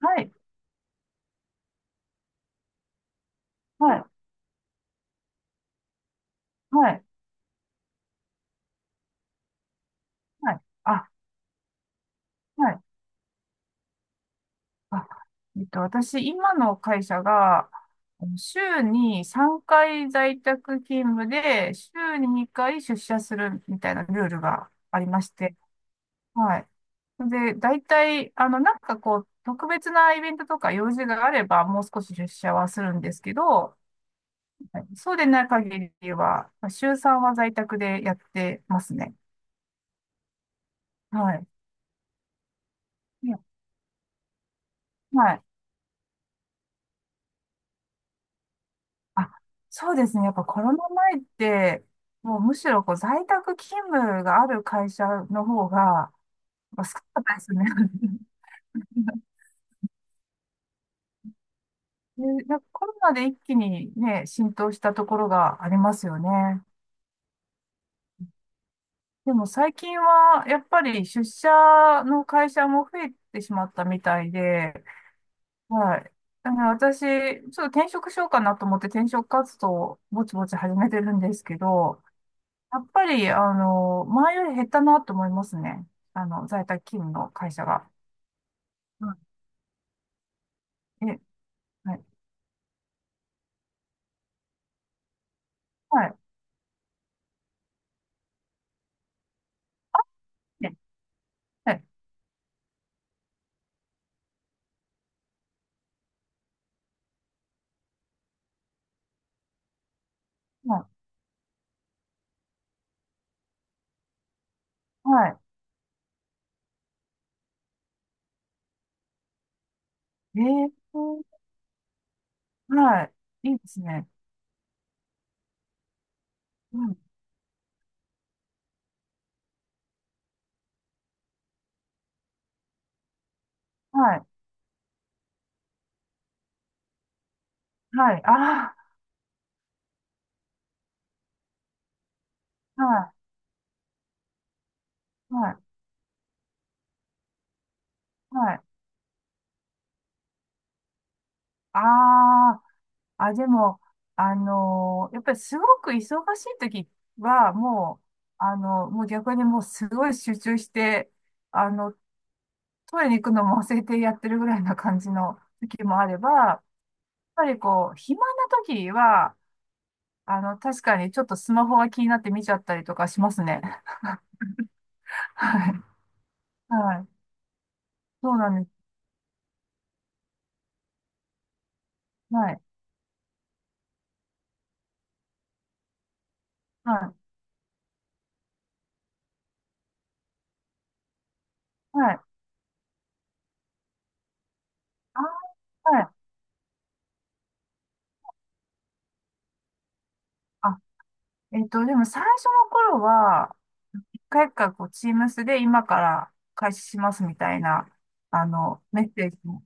はい、はい、はい、はい。あ、はい。あ、私、今の会社が、あの週に3回在宅勤務で、週に2回出社するみたいなルールがありまして、はい。で、大体、あの、なんかこう、特別なイベントとか用事があれば、もう少し出社はするんですけど、はい。そうでない限りは、まあ週3は在宅でやってますね。はい。はい。あ、そうですね。やっぱコロナ前って、もうむしろこう在宅勤務がある会社の方が、まあ、少なかったですよね。で、なんかコロナで一気にね、浸透したところがありますよね。でも最近はやっぱり出社の会社も増えてしまったみたいで、はい。だから私、ちょっと転職しようかなと思って転職活動をぼちぼち始めてるんですけど、やっぱり、あの、前より減ったなと思いますね。あの、在宅勤務の会社が。うん、え、はい。はい。ね、はい。はい。はい。えー、はい。いいですね。うん。はい。はい。ああ、はい。はい。はい。ああ、あ、でも、やっぱりすごく忙しい時は、もう、あの、もう逆にもうすごい集中して、あの、トイレに行くのも忘れてやってるぐらいな感じの時もあれば、ぱりこう、暇な時は、あの、確かにちょっとスマホが気になって見ちゃったりとかしますね。はい。はい。そうなんです。はい。はい。はい。あー、はい。あ、でも最初の頃は、一回かこう、Teams で今から開始しますみたいな、あの、メッセージも、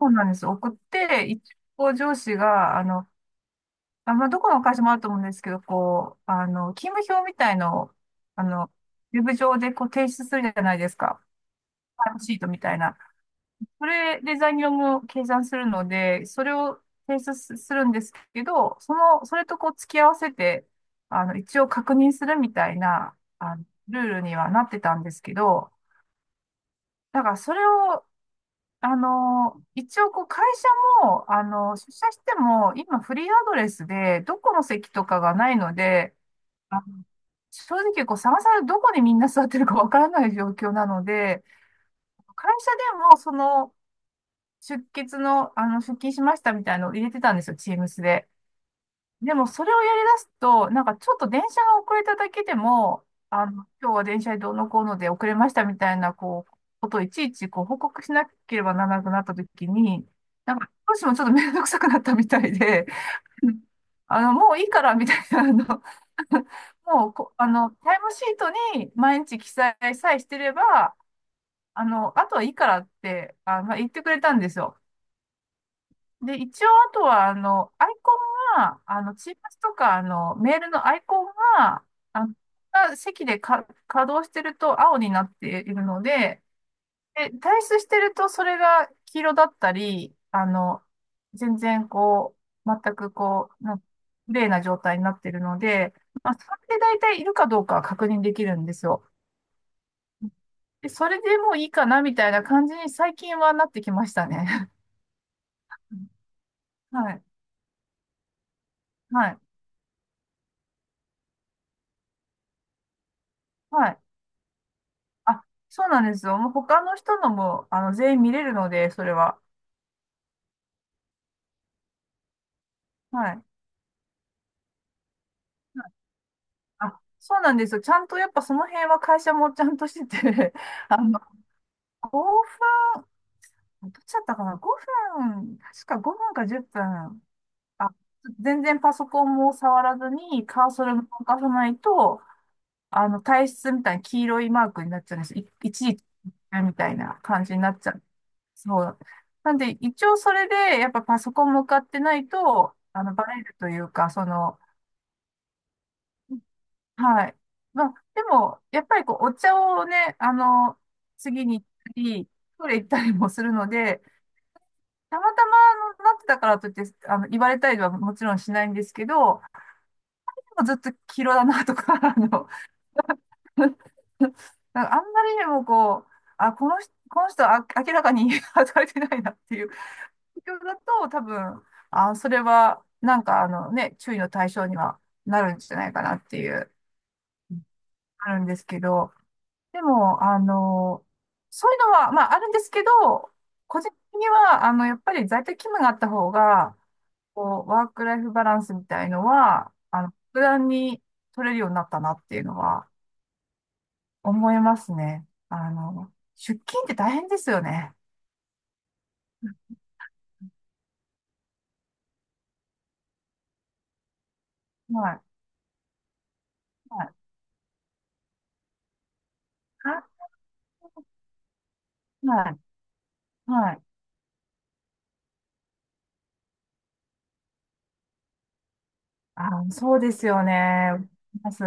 そうなんです。送って、一応上司が、あの、あ、まあ、どこの会社もあると思うんですけど、こう、あの、勤務表みたいのを、あの、ウェブ上でこう提出するじゃないですか。タイムシートみたいな。それで残業も計算するので、それを提出すするんですけど、その、それとこう付き合わせて、あの、一応確認するみたいな、あの、ルールにはなってたんですけど、だからそれを、あの、一応こう会社も、あの、出社しても、今フリーアドレスで、どこの席とかがないので、あ、正直、こう、さまさまどこでみんな座ってるかわからない状況なので、会社でも、その、出血の、あの、出勤しましたみたいなのを入れてたんですよ、チームスで。でも、それをやり出すと、なんか、ちょっと電車が遅れただけでも、あの、今日は電車でどうのこうので遅れましたみたいな、こう、ことをいちいち、こう、報告しなければならなくなったときに、なんか、どうしてもちょっと面倒くさくなったみたいで、うん、あの、もういいからみたいな、あの、もうこ、あの、タイムシートに毎日記載さえしてれば、あの、あとはいいからって、あの、言ってくれたんですよ。で、一応、あとは、あの、アイコンが、あの、チームズとか、あの、メールのアイコンが、あの、席でか稼働してると青になっているので、で退出してるとそれが黄色だったり、あの、全然こう、全くこう、な、綺麗な状態になってるので、まあ、それで大体いるかどうかは確認できるんですよ。で、それでもういいかなみたいな感じに最近はなってきましたね。はい、はい、はい。あ、そうなんですよ。もう他の人のも、あの、全員見れるので、それは。はい。あ、そうなんですよ。ちゃんとやっぱその辺は会社もちゃんとしてて、あの、オファーどっちだったかな？ 5 分、確か5分か10分。あ、全然パソコンも触らずにカーソルも動かさないと、あの、体質みたいな黄色いマークになっちゃうんです。い一時みたいな感じになっちゃう。そう。なんで、一応それで、やっぱパソコン向かってないと、あの、バレるというか、その、はい。まあ、でも、やっぱりこう、お茶をね、あの、次に行ったり、トイレ行ったりもするので、たまたまのなってたからといって、あの、言われたりはもちろんしないんですけど、でもずっと黄色だなとか、あの、なんかあんまりにもこう、あ、この人は明らかに 働いてないなっていう状況だと、多分、あ、それは、なんかあのね、注意の対象にはなるんじゃないかなっていう、あるんですけど、でも、あの、そういうのは、まあ、あるんですけど、個人的には、あの、やっぱり在宅勤務があった方が、こう、ワークライフバランスみたいのは、あの、普段に取れるようになったなっていうのは思いますね。あの、出勤って大変ですよね。はい。はい。あ、はい。はい。あ、そうですよね。ます。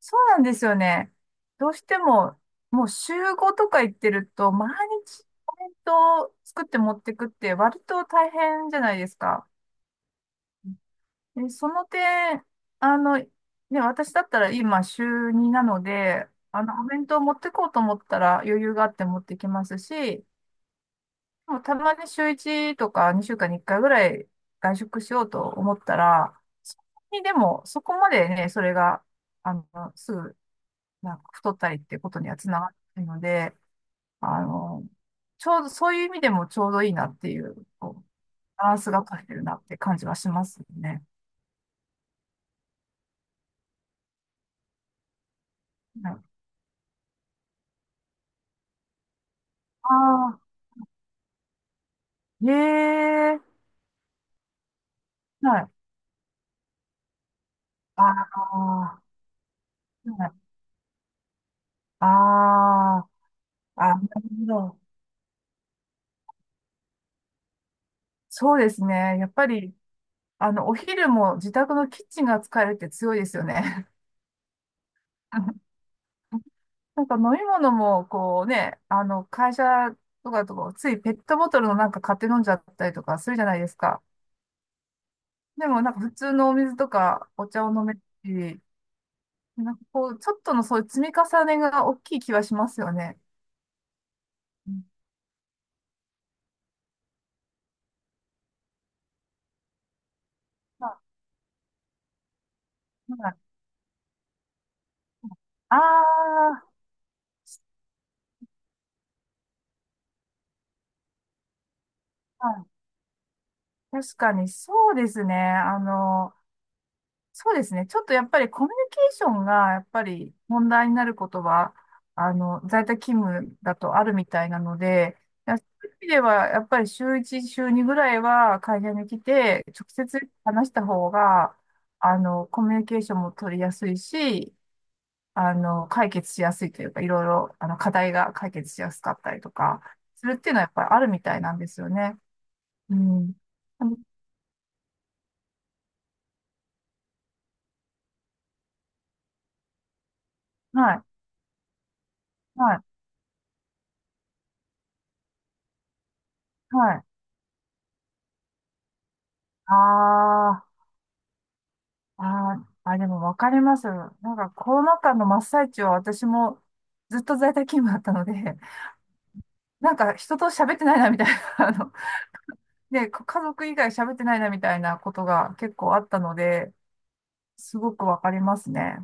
そうなんですよね。どうしても、もう週5とか行ってると、毎日コメントを作って持ってくって割と大変じゃないですか。え、その点、あの、ね、私だったら今週2なので、あの、お弁当持ってこうと思ったら余裕があって持ってきますし、もうたまに週1とか2週間に1回ぐらい外食しようと思ったら、そこにでも、そこまでね、それが、あの、すぐ、なんか太ったりっていうことにはつながっているので、あの、ちょうど、そういう意味でもちょうどいいなっていう、こう、バランスが取れてるなって感じはしますね。はい。あ、ええ、はい。ああ、はい。ああ、あ、なるほど。そうですね。やっぱり、あの、お昼も自宅のキッチンが使えるって強いですよね。なんか飲み物も、こうね、あの、会社とかだとこう、ついペットボトルのなんか買って飲んじゃったりとかするじゃないですか。でも、なんか普通のお水とかお茶を飲めるし、なんかこう、ちょっとのそういう積み重ねが大きい気はしますよね。うん。まあまあ、あー、はい、確かにそうですね。あの、そうですね。ちょっとやっぱりコミュニケーションがやっぱり問題になることは、あの、在宅勤務だとあるみたいなので、いや、そういう意味ではやっぱり週1、週2ぐらいは会社に来て直接話した方が、あの、コミュニケーションも取りやすいし、あの、解決しやすいというか、いろいろ、あの、課題が解決しやすかったりとか、するっていうのはやっぱりあるみたいなんですよね。うん。あの、はい。はい。はい。ああ、あーあ、でもわかります。なんかコロナ禍の真っ最中は私もずっと在宅勤務だったので、なんか人と喋ってないなみたいな、あの、で、家族以外喋ってないなみたいなことが結構あったので、すごくわかりますね。